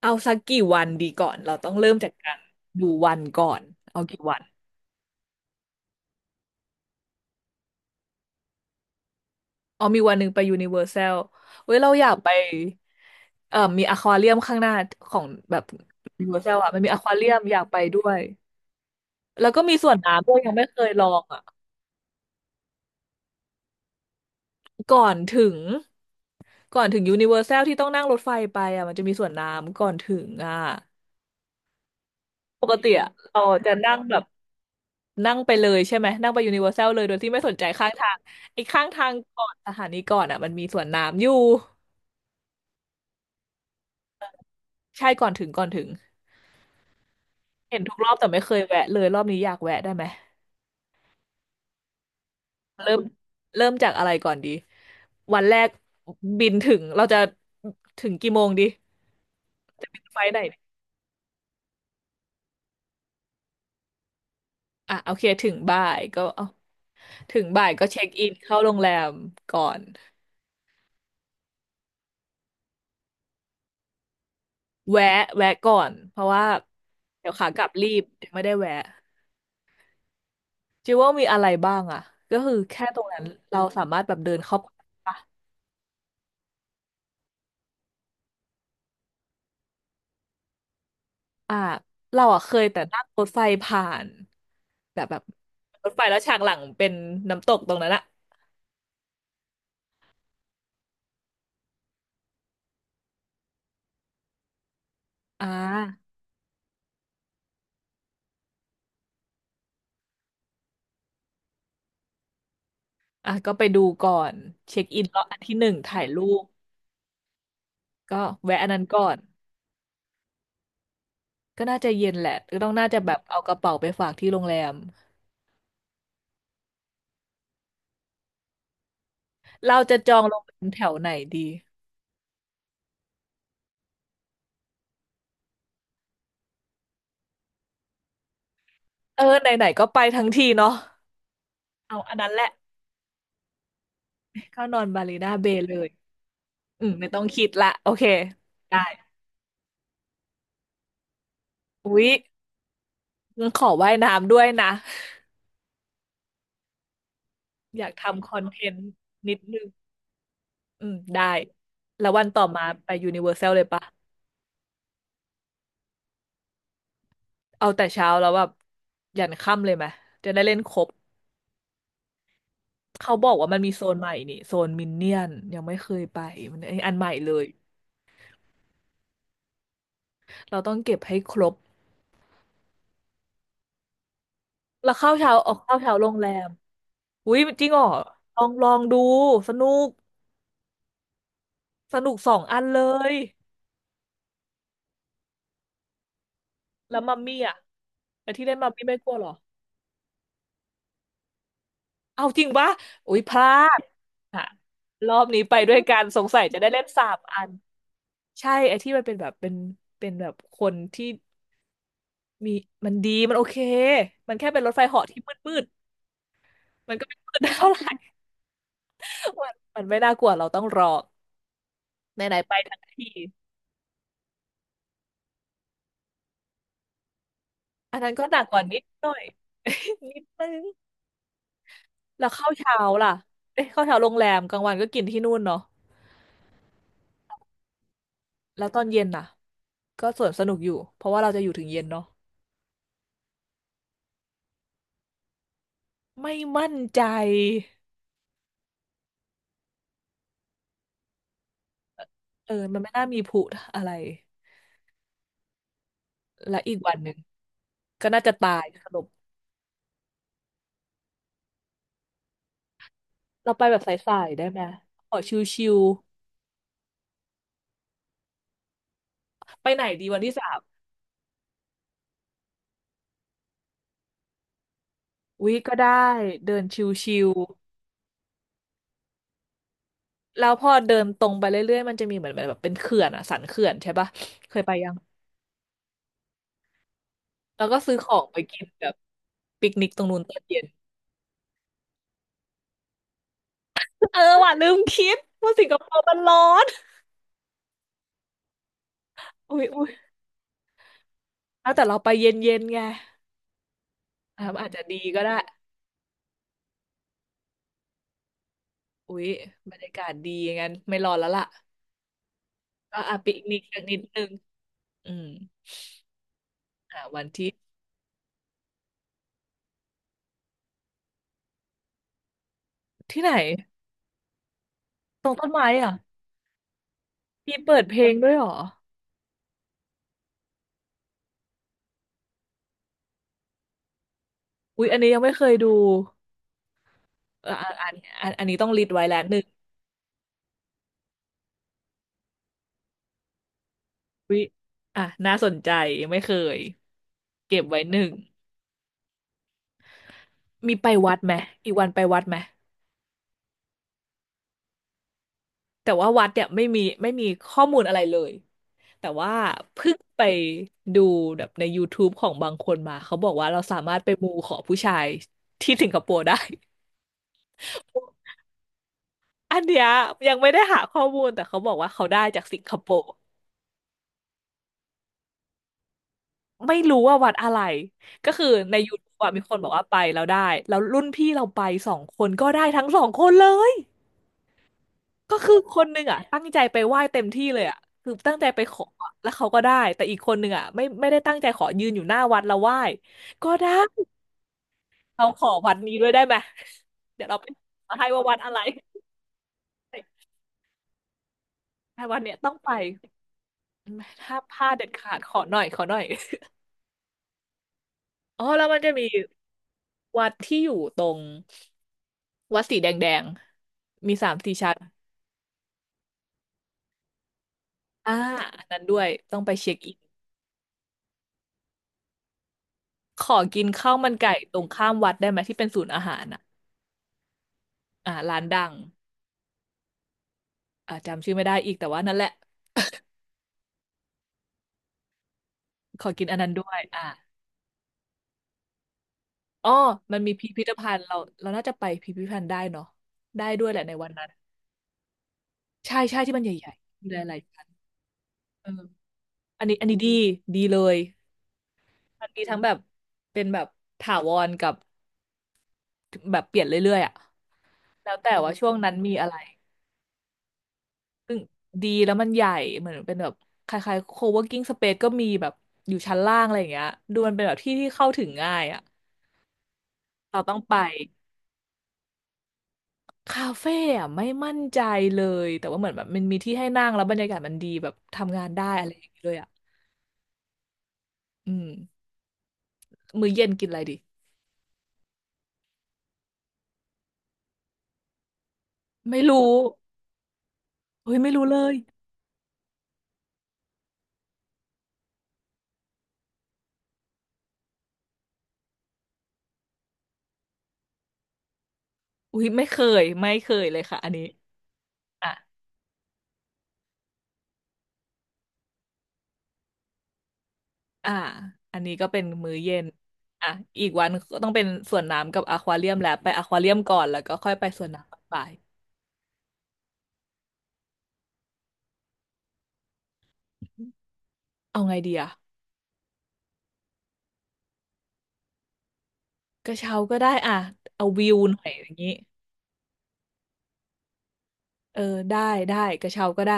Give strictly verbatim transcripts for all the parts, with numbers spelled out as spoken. เอาสักกี่วันดีก่อน เราต้องเริ่มจากการดูวันก่อนเอากี่วันเอามีวันหนึ่งไปยูนิเวอร์แซลเว้ยเราอยากไปเอ่อมีอควาเรียมข้างหน้าของแบบยูนิเวอร์แซลอ่ะมันมีอควาเรียมอยากไปด้วย แล้วก็มีสวนน้ำด้วยยังไม่เคยลองอ่ะก่อนถึงก่อนถึงยูนิเวอร์แซลที่ต้องนั่งรถไฟไปอ่ะมันจะมีสวนน้ำก่อนถึงอ่ะปกติอ่ะเราจะนั่งแบบ นั่งไปเลยใช่ไหมนั่งไปยูนิเวอร์แซลเลยโดยที่ไม่สนใจข้างทางไอ้ข้างทางก่อนสถานีก่อนอ่ะมันมีสวนน้ำอยู่ใช่ก่อนถึงก่อนถึงเห็นทุกรอบแต่ไม่เคยแวะเลยรอบนี้อยากแวะได้ไหมเริ่มเริ่มจากอะไรก่อนดีวันแรกบินถึงเราจะถึงกี่โมงดีไฟล์ไหนอ่ะโอเคถึงบ่ายก็เอาถึงบ่ายก็เช็คอินเข้าโรงแรมก่อนแวะแวะก่อนเพราะว่าเดี๋ยวขากลับรีบไม่ได้แวะ จิวว่ามีอะไรบ้างอ่ะก็คือแค่ตรงนั้นเราสามารถแบบเดินเข้าไปปะอ่าเราอ่ะเคยแต่นั่งรถไฟผ่านแบบแบบรถไฟแล้วฉากหลังเป็นน้ำตกตรงนั้นอ่ะอ่าอ่ะก็ไปดูก่อนเช็คอินรอบอันที่หนึ่งถ่ายรูปก็แวะอันนั้นก่อนก็น่าจะเย็นแหละก็ต้องน่าจะแบบเอากระเป๋าไปฝากที่โรงแรมเราจะจองโรงแรมแถวไหนดีเออไหนๆก็ไปทั้งทีเนาะเอาอันนั้นแหละเข้านอนบาลีนาเบย์เลยอืมไม่ต้องคิดละโอเคได้ อุ๊ยงั้นขอว่ายน้ำด้วยนะ อยากทำคอนเทนต์นิดนึงอืมได้แล้ววันต่อมาไปยูนิเวอร์แซลเลยปะเอาแต่เช้าแล้วแบบยันค่ำเลยไหมจะได้เล่นครบเขาบอกว่ามันมีโซนใหม่นี่โซนมินเนี่ยนยังไม่เคยไปมันอันอันใหม่เลยเราต้องเก็บให้ครบแล้วข้าวเช้าออกข้าวเช้าโรงแรมอุ๊ยจริงเหรอลองลองดูสนุกสนุกสองอันเลยแล้วมัมมี่อ่ะแต่ที่เล่นมัมมี่ไม่กลัวเหรอ เอาจริงปะอุ๊ยพลาดอ่ะรอบนี้ไปด้วยกันสงสัยจะได้เล่นสามอันใช่ไอ้ที่มันเป็นแบบเป็นเป็นแบบคนที่มีมันดีมันโอเคมันแค่เป็นรถไฟเหาะที่มืดมืดมันก็ไม่มืดเท่าไหร่ มันมันไม่น่ากลัวเราต้องรอไหนๆไปทั้งทีอันนั้นก็หนักกว่านิดหน่อย นิดนึงแล้วเข้าวเช้าล่ะเอ๊ะเข้าวเช้าโรงแรมกลางวันก็กินที่นู่นเนาะแล้วตอนเย็นน่ะก็สวนสนุกอยู่เพราะว่าเราจะอยู่ถึงเย็นเนาะไม่มั่นใจ เออมันไม่น่ามีผุอะไร และอีกวันหนึ่งก็น่าจะตายสรุปเราไปแบบสายๆได้ไหมขอชิวๆไปไหนดีวันที่สามอุ๊ยก็ได้เดินชิวๆแล้วพอเดินตรงไปเรื่อยๆมันจะมีเหมือนแบบเป็นเขื่อนอะสันเขื่อนใช่ปะเคยไปยัง แล้วก็ซื้อของไปกินแบบปิกนิกตรงนู้นตอนเย็น เออว่ะลืมคิดว่าสิงคโปร์มันร้อนอุ๊ยอุ๊ยแล้วแต่เราไปเย็นๆไงอ่ะอาจจะดีก็ได้อุ๊ยบรรยากาศดีงั้นไม่ร้อนแล้วล่ะ ก็อ่ะปิกนิกกันนิดนึงอืมอ่ะวันที่ที่ไหนตรงต้นไม้อ่ะมีเปิดเพลงด้วยเหรอ อุ๊ย อันนี้ยังไม่เคยดูเอออ่ะอันอันอันนี้ต้องลิสต์ไว้แล้วหนึ่งอุ๊ยอ่ะน่าสนใจยังไม่เคยเก็บไว้หนึ่ง มีไปวัดไหมอีกวันไปวัดไหมแต่ว่าวัดเนี่ยไม่มีไม่มีข้อมูลอะไรเลย แต่ว่าเพิ่งไปดูแบบใน ยูทูบ ของบางคนมาเขาบอกว่าเราสามารถไปมูขอผู้ชายที่สิงคโปร์ได้ อันเนี้ยยังไม่ได้หาข้อมูลแต่เขาบอกว่าเขาได้จากสิงคโปร์ไม่รู้ว่าวัดอะไรก็คือในยูทูบอะมีคนบอกว่าไปแล้วได้แล้วรุ่นพี่เราไปสองคนก็ได้ทั้งสองคนเลยก็คือคนหนึ่งอ่ะตั้งใจไปไหว้เต็มที่เลยอ่ะคือตั้งใจไปขออะแล้วเขาก็ได้แต่อีกคนหนึ่งอ่ะไม่ไม่ได้ตั้งใจขอยืนอยู่หน้าวัดแล้วไหว้ก็ได้เราขอวัดนี้ด้วยได้ไหม เดี๋ยวเราไปมาให้ว่าวัดอะไรแต่วัดเนี้ยต้องไปถ้าพลาดเด็ดขาดขอหน่อยขอหน่อย อ๋อแล้วมันจะมี วัดที่อยู่ตรงวัดสีแดงแดงมีสามสี่ชั้นอ่าอันนั้นด้วยต้องไปเช็คอินขอกินข้าวมันไก่ตรงข้ามวัดได้ไหมที่เป็นศูนย์อาหารอ่ะอ่าร้านดังอ่าจำชื่อไม่ได้อีกแต่ว่านั่นแหละขอกินอันนั้นด้วยอ่าอ๋อมันมีพิพิธภัณฑ์เราเราน่าจะไปพิพิธภัณฑ์ได้เนาะได้ด้วยแหละในวันนั้นใช่ใช่ที่มันใหญ่ๆมีหลายๆชั้นเอออันนี้อันนี้ดีดีเลยมันมีทั้งแบบเป็นแบบถาวรกับแบบเปลี่ยนเรื่อยๆอ่ะแล้วแต่ว่าช่วงนั้นมีอะไร ซึ่งดีแล้วมันใหญ่เหมือนเป็นแบบคล้ายๆ โค เวิร์คกิ้ง สเปซ ก็มีแบบอยู่ชั้นล่างอะไรอย่างเงี้ยดูมันเป็นแบบที่ที่เข้าถึงง่ายอ่ะเราต้องไปคาเฟ่อะไม่มั่นใจเลยแต่ว่าเหมือนแบบมันมีที่ให้นั่งแล้วบรรยากาศมันดีแบบทำงานได้อะไรอย่างเงี้ยเลยอ่ะอืมมื้อเย็นกินอะไรดีไม่รู้อุ้ยไม่รู้เลยอุ้ยไม่เคยไม่เคยเลยค่ะอันนี้อ่ะอ่าอันนี้ก็เป็นมื้อเย็นอ่ะอีกวันก็ต้องเป็นสวนน้ำกับอควาเรียมแล้วไปอควาเรียมก่อนแล้วก็ค่อยไปสวนน้ำตอนบ่าย เอาไงดีอะกระเช้าก็ได้อะเอาวิวหน่อยอย่างนี้เออได้ได้กระเช้าก็ได้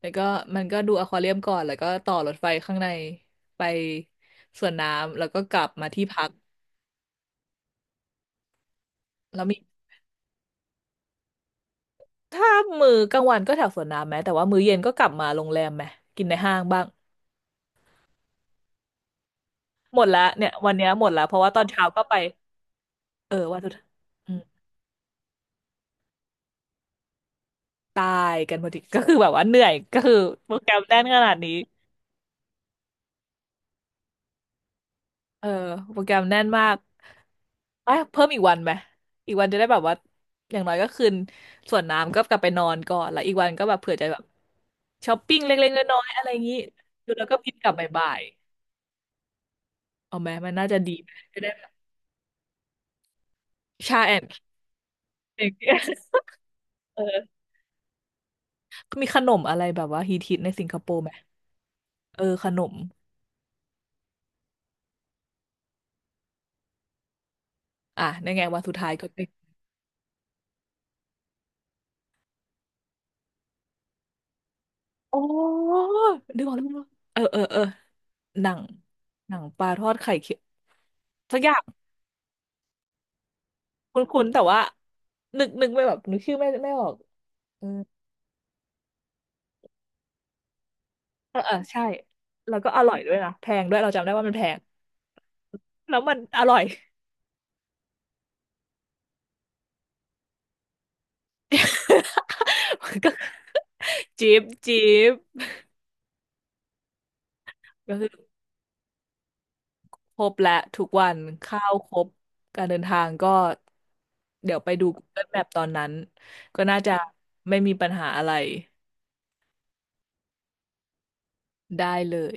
แล้วก็มันก็ดูอควาเรียมก่อนแล้วก็ต่อรถไฟข้างในไปสวนน้ำแล้วก็กลับมาที่พักแล้วมีถ้ามื้อกลางวันก็แถวสวนน้ำไหมแต่ว่ามื้อเย็นก็กลับมาโรงแรมไหมกินในห้างบ้างหมดละเนี่ยวันเนี้ยหมดละเพราะว่าตอนเช้าก็ไปเออวันสุดท้ายอืมตายกันพอดีก็คือแบบว่าเหนื่อยก็คือโปรแกรมแน่นขนาดนี้ เออโปรแกรมแน่นมากเอ้ยเพิ่มอีกวันไหม อีกวันจะได้แบบว่าอย่างน้อยก็คืนส่วนน้ำก็กลับไปนอนก่อนแล้วอีกวันก็แบบเผื่อจะแบบช้อปปิ้งเล็กๆน้อยๆอะไรอย่างนี้ดูแล้วก็บินกลับบ่ายๆ เอาไหมมันน่าจะดีไหมจะได้แบบชาแอนด์ เค้กเออมีขนมอะไรแบบว่าฮิตๆในสิงคโปร์ไหมเออขนมอ่ะนั่นไงวันสุดท้ายก็ไปโอ้นึกออกแล้วนึกออกเออเออเออหนังหนังปลาทอดไข่เค็มสักอย่าง คุ้นๆแต่ว่านึกนึกไม่แบบนึกชื่อไม่ไม่ออกเออเออเออใช่แล้วก็อร่อยด้วยนะแพงด้วยเราจำได้ว่ามันแพงแล้วมันอร่อย มันก็ จี๊บจี๊บก็คือครบและทุกวันข้าวครบการเดินทางก็เดี๋ยวไปดู กูเกิล แมพ ตอนนั้นก็น่าจะไม่มีปัญหาอะไรได้เลย